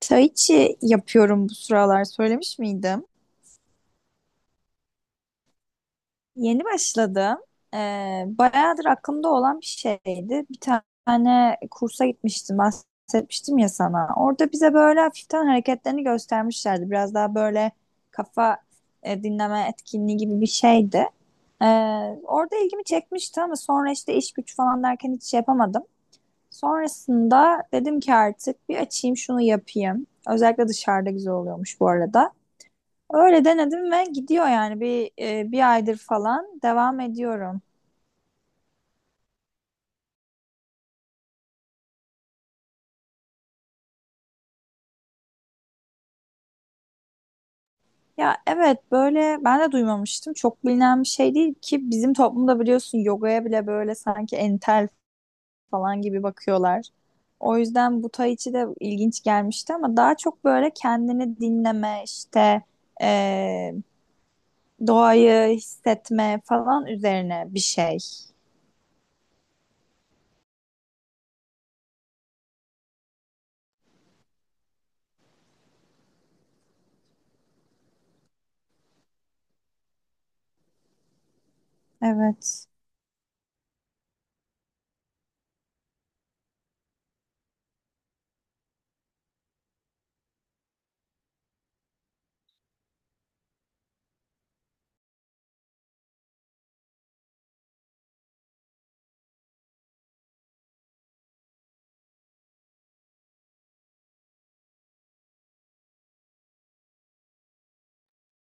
Tai yapıyorum bu sıralar söylemiş miydim? Yeni başladım. Bayağıdır aklımda olan bir şeydi. Bir tane kursa gitmiştim bahsetmiştim ya sana. Orada bize böyle hafiften hareketlerini göstermişlerdi. Biraz daha böyle kafa dinleme etkinliği gibi bir şeydi. Ee, Orada ilgimi çekmişti ama sonra işte iş güç falan derken hiç şey yapamadım. Sonrasında dedim ki artık bir açayım şunu yapayım. Özellikle dışarıda güzel oluyormuş bu arada. Öyle denedim ve gidiyor yani bir bir aydır falan devam ediyorum. Ya evet böyle ben de duymamıştım. Çok bilinen bir şey değil ki bizim toplumda biliyorsun yogaya bile böyle sanki entel falan gibi bakıyorlar. O yüzden bu tai chi de ilginç gelmişti ama daha çok böyle kendini dinleme işte e, doğayı hissetme falan üzerine bir şey. Evet.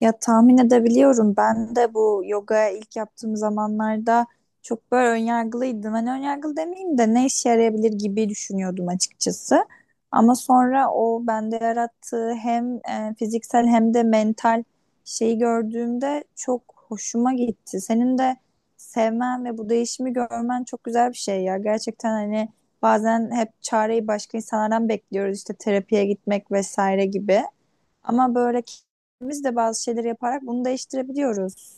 Ya tahmin edebiliyorum. Ben de bu yoga ilk yaptığım zamanlarda çok böyle önyargılıydım. Hani önyargılı demeyeyim de ne işe yarayabilir gibi düşünüyordum açıkçası. Ama sonra o bende yarattığı hem fiziksel hem de mental şeyi gördüğümde çok hoşuma gitti. Senin de sevmen ve bu değişimi görmen çok güzel bir şey ya. Gerçekten hani bazen hep çareyi başka insanlardan bekliyoruz işte terapiye gitmek vesaire gibi. Ama böyle kendimiz de bazı şeyleri yaparak bunu değiştirebiliyoruz.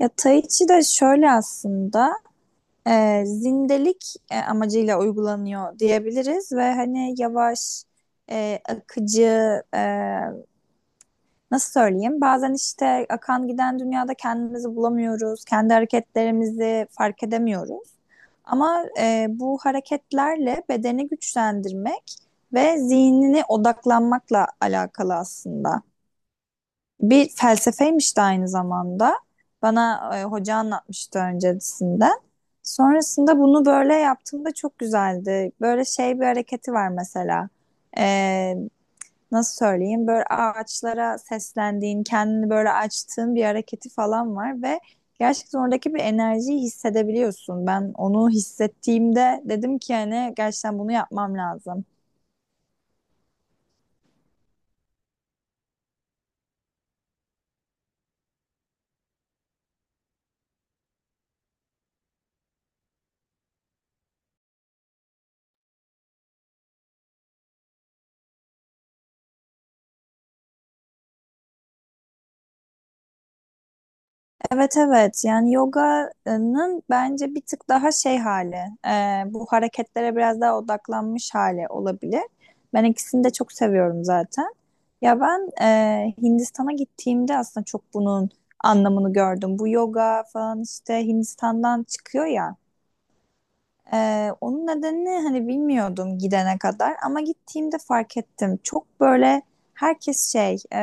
Ya Tai Chi de şöyle aslında zindelik amacıyla uygulanıyor diyebiliriz ve hani yavaş, akıcı, nasıl söyleyeyim? Bazen işte akan giden dünyada kendimizi bulamıyoruz, kendi hareketlerimizi fark edemiyoruz. Ama bu hareketlerle bedeni güçlendirmek ve zihnine odaklanmakla alakalı aslında. Bir felsefeymiş de aynı zamanda. Bana hoca anlatmıştı öncesinden. Sonrasında bunu böyle yaptığımda çok güzeldi. Böyle şey bir hareketi var mesela. Ee, Nasıl söyleyeyim? Böyle ağaçlara seslendiğin, kendini böyle açtığın bir hareketi falan var ve gerçekten oradaki bir enerjiyi hissedebiliyorsun. Ben onu hissettiğimde dedim ki hani gerçekten bunu yapmam lazım. Evet evet yani yoganın bence bir tık daha şey hali bu hareketlere biraz daha odaklanmış hali olabilir. Ben ikisini de çok seviyorum zaten. Ya ben Hindistan'a gittiğimde aslında çok bunun anlamını gördüm. Bu yoga falan işte Hindistan'dan çıkıyor ya. Onun nedenini hani bilmiyordum gidene kadar ama gittiğimde fark ettim. Çok böyle herkes şey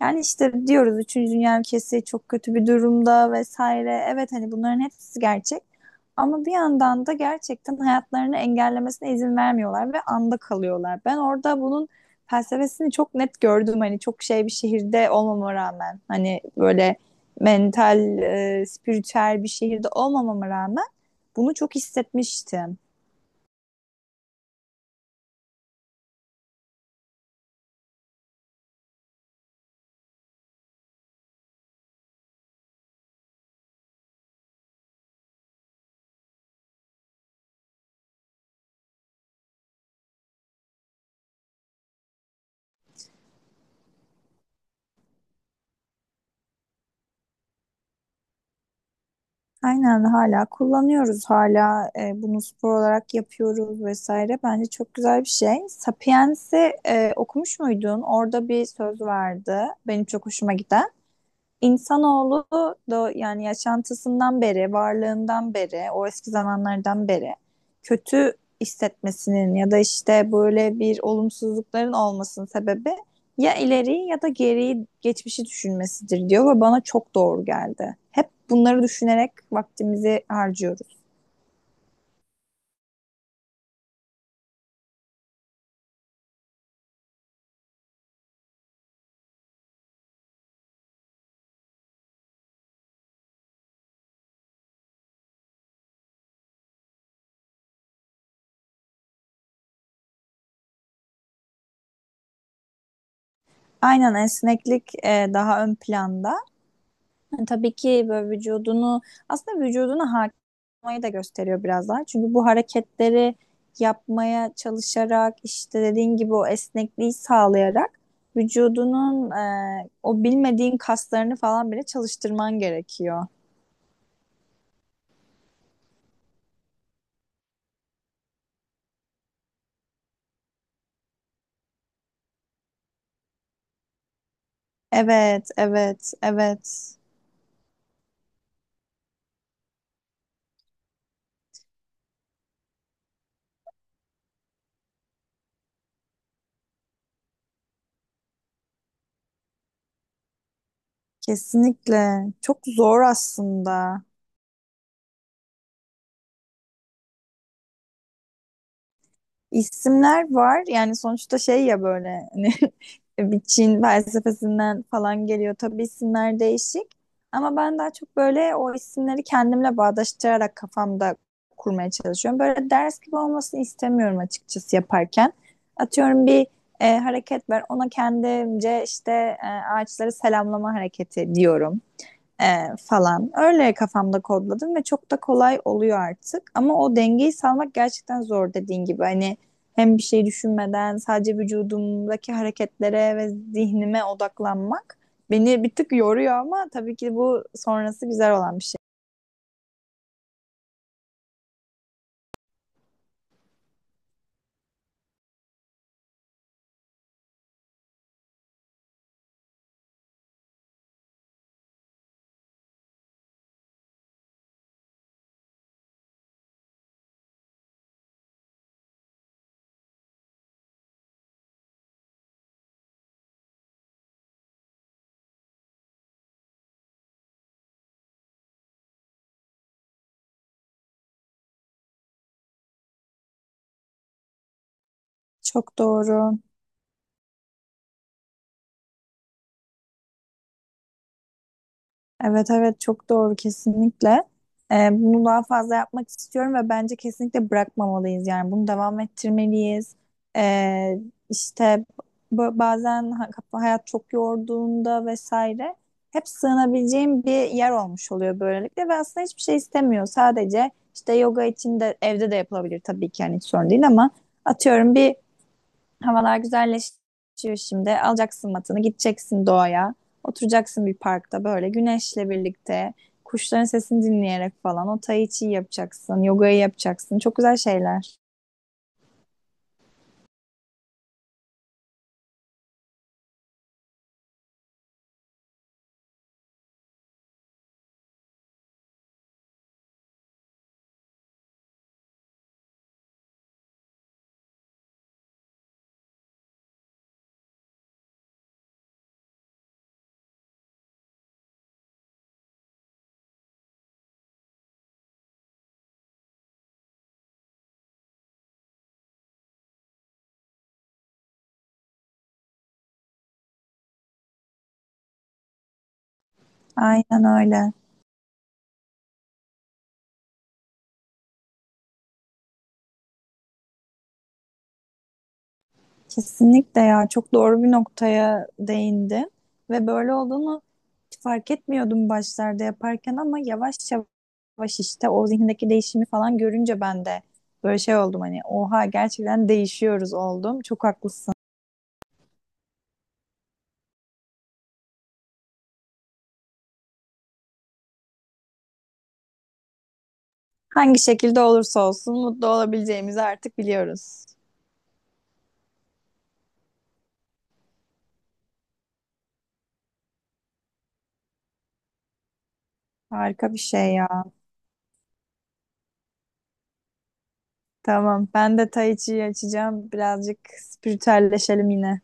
yani işte diyoruz üçüncü Dünya ülkesi çok kötü bir durumda vesaire. Evet hani bunların hepsi gerçek ama bir yandan da gerçekten hayatlarını engellemesine izin vermiyorlar ve anda kalıyorlar. Ben orada bunun felsefesini çok net gördüm hani çok şey bir şehirde olmama rağmen hani böyle mental, spiritüel bir şehirde olmamama rağmen bunu çok hissetmiştim. Aynen hala kullanıyoruz hala bunu spor olarak yapıyoruz vesaire. Bence çok güzel bir şey. Sapiens'i okumuş muydun? Orada bir söz vardı. Benim çok hoşuma giden. İnsanoğlu da yani yaşantısından beri, varlığından beri, o eski zamanlardan beri kötü hissetmesinin ya da işte böyle bir olumsuzlukların olmasının sebebi ya ileri ya da geri geçmişi düşünmesidir diyor ve bana çok doğru geldi. Hep bunları düşünerek vaktimizi harcıyoruz. Aynen esneklik daha ön planda. Yani tabii ki böyle vücudunu aslında vücuduna hakim da gösteriyor biraz daha. Çünkü bu hareketleri yapmaya çalışarak işte dediğin gibi o esnekliği sağlayarak vücudunun o bilmediğin kaslarını falan bile çalıştırman gerekiyor. Evet, evet, evet. Kesinlikle. Çok zor aslında. İsimler var. Yani sonuçta şey ya böyle hani bir Çin felsefesinden falan geliyor. Tabii isimler değişik. Ama ben daha çok böyle o isimleri kendimle bağdaştırarak kafamda kurmaya çalışıyorum. Böyle ders gibi olmasını istemiyorum açıkçası yaparken. Atıyorum bir hareket var. Ona kendimce işte e, ağaçları selamlama hareketi diyorum. Falan. Öyle kafamda kodladım ve çok da kolay oluyor artık. Ama o dengeyi sağlamak gerçekten zor dediğin gibi. Hani hem bir şey düşünmeden sadece vücudumdaki hareketlere ve zihnime odaklanmak beni bir tık yoruyor ama tabii ki bu sonrası güzel olan bir şey. Çok doğru. Evet evet çok doğru kesinlikle. Bunu daha fazla yapmak istiyorum ve bence kesinlikle bırakmamalıyız yani bunu devam ettirmeliyiz. Ee, işte bazen hayat çok yorduğunda vesaire hep sığınabileceğim bir yer olmuş oluyor böylelikle ve aslında hiçbir şey istemiyor. Sadece işte yoga için de evde de yapılabilir tabii ki yani hiç sorun değil ama atıyorum bir havalar güzelleşiyor şimdi. Alacaksın matını, gideceksin doğaya. Oturacaksın bir parkta böyle güneşle birlikte. Kuşların sesini dinleyerek falan. O tai chi yapacaksın, yogayı yapacaksın. Çok güzel şeyler. Aynen öyle. Kesinlikle ya. Çok doğru bir noktaya değindi. Ve böyle olduğunu fark etmiyordum başlarda yaparken ama yavaş yavaş işte o zihnindeki değişimi falan görünce ben de böyle şey oldum hani oha gerçekten değişiyoruz oldum. Çok haklısın. Hangi şekilde olursa olsun mutlu olabileceğimizi artık biliyoruz. Harika bir şey ya. Tamam, ben de Tai Chi'yi açacağım. Birazcık spiritüelleşelim yine.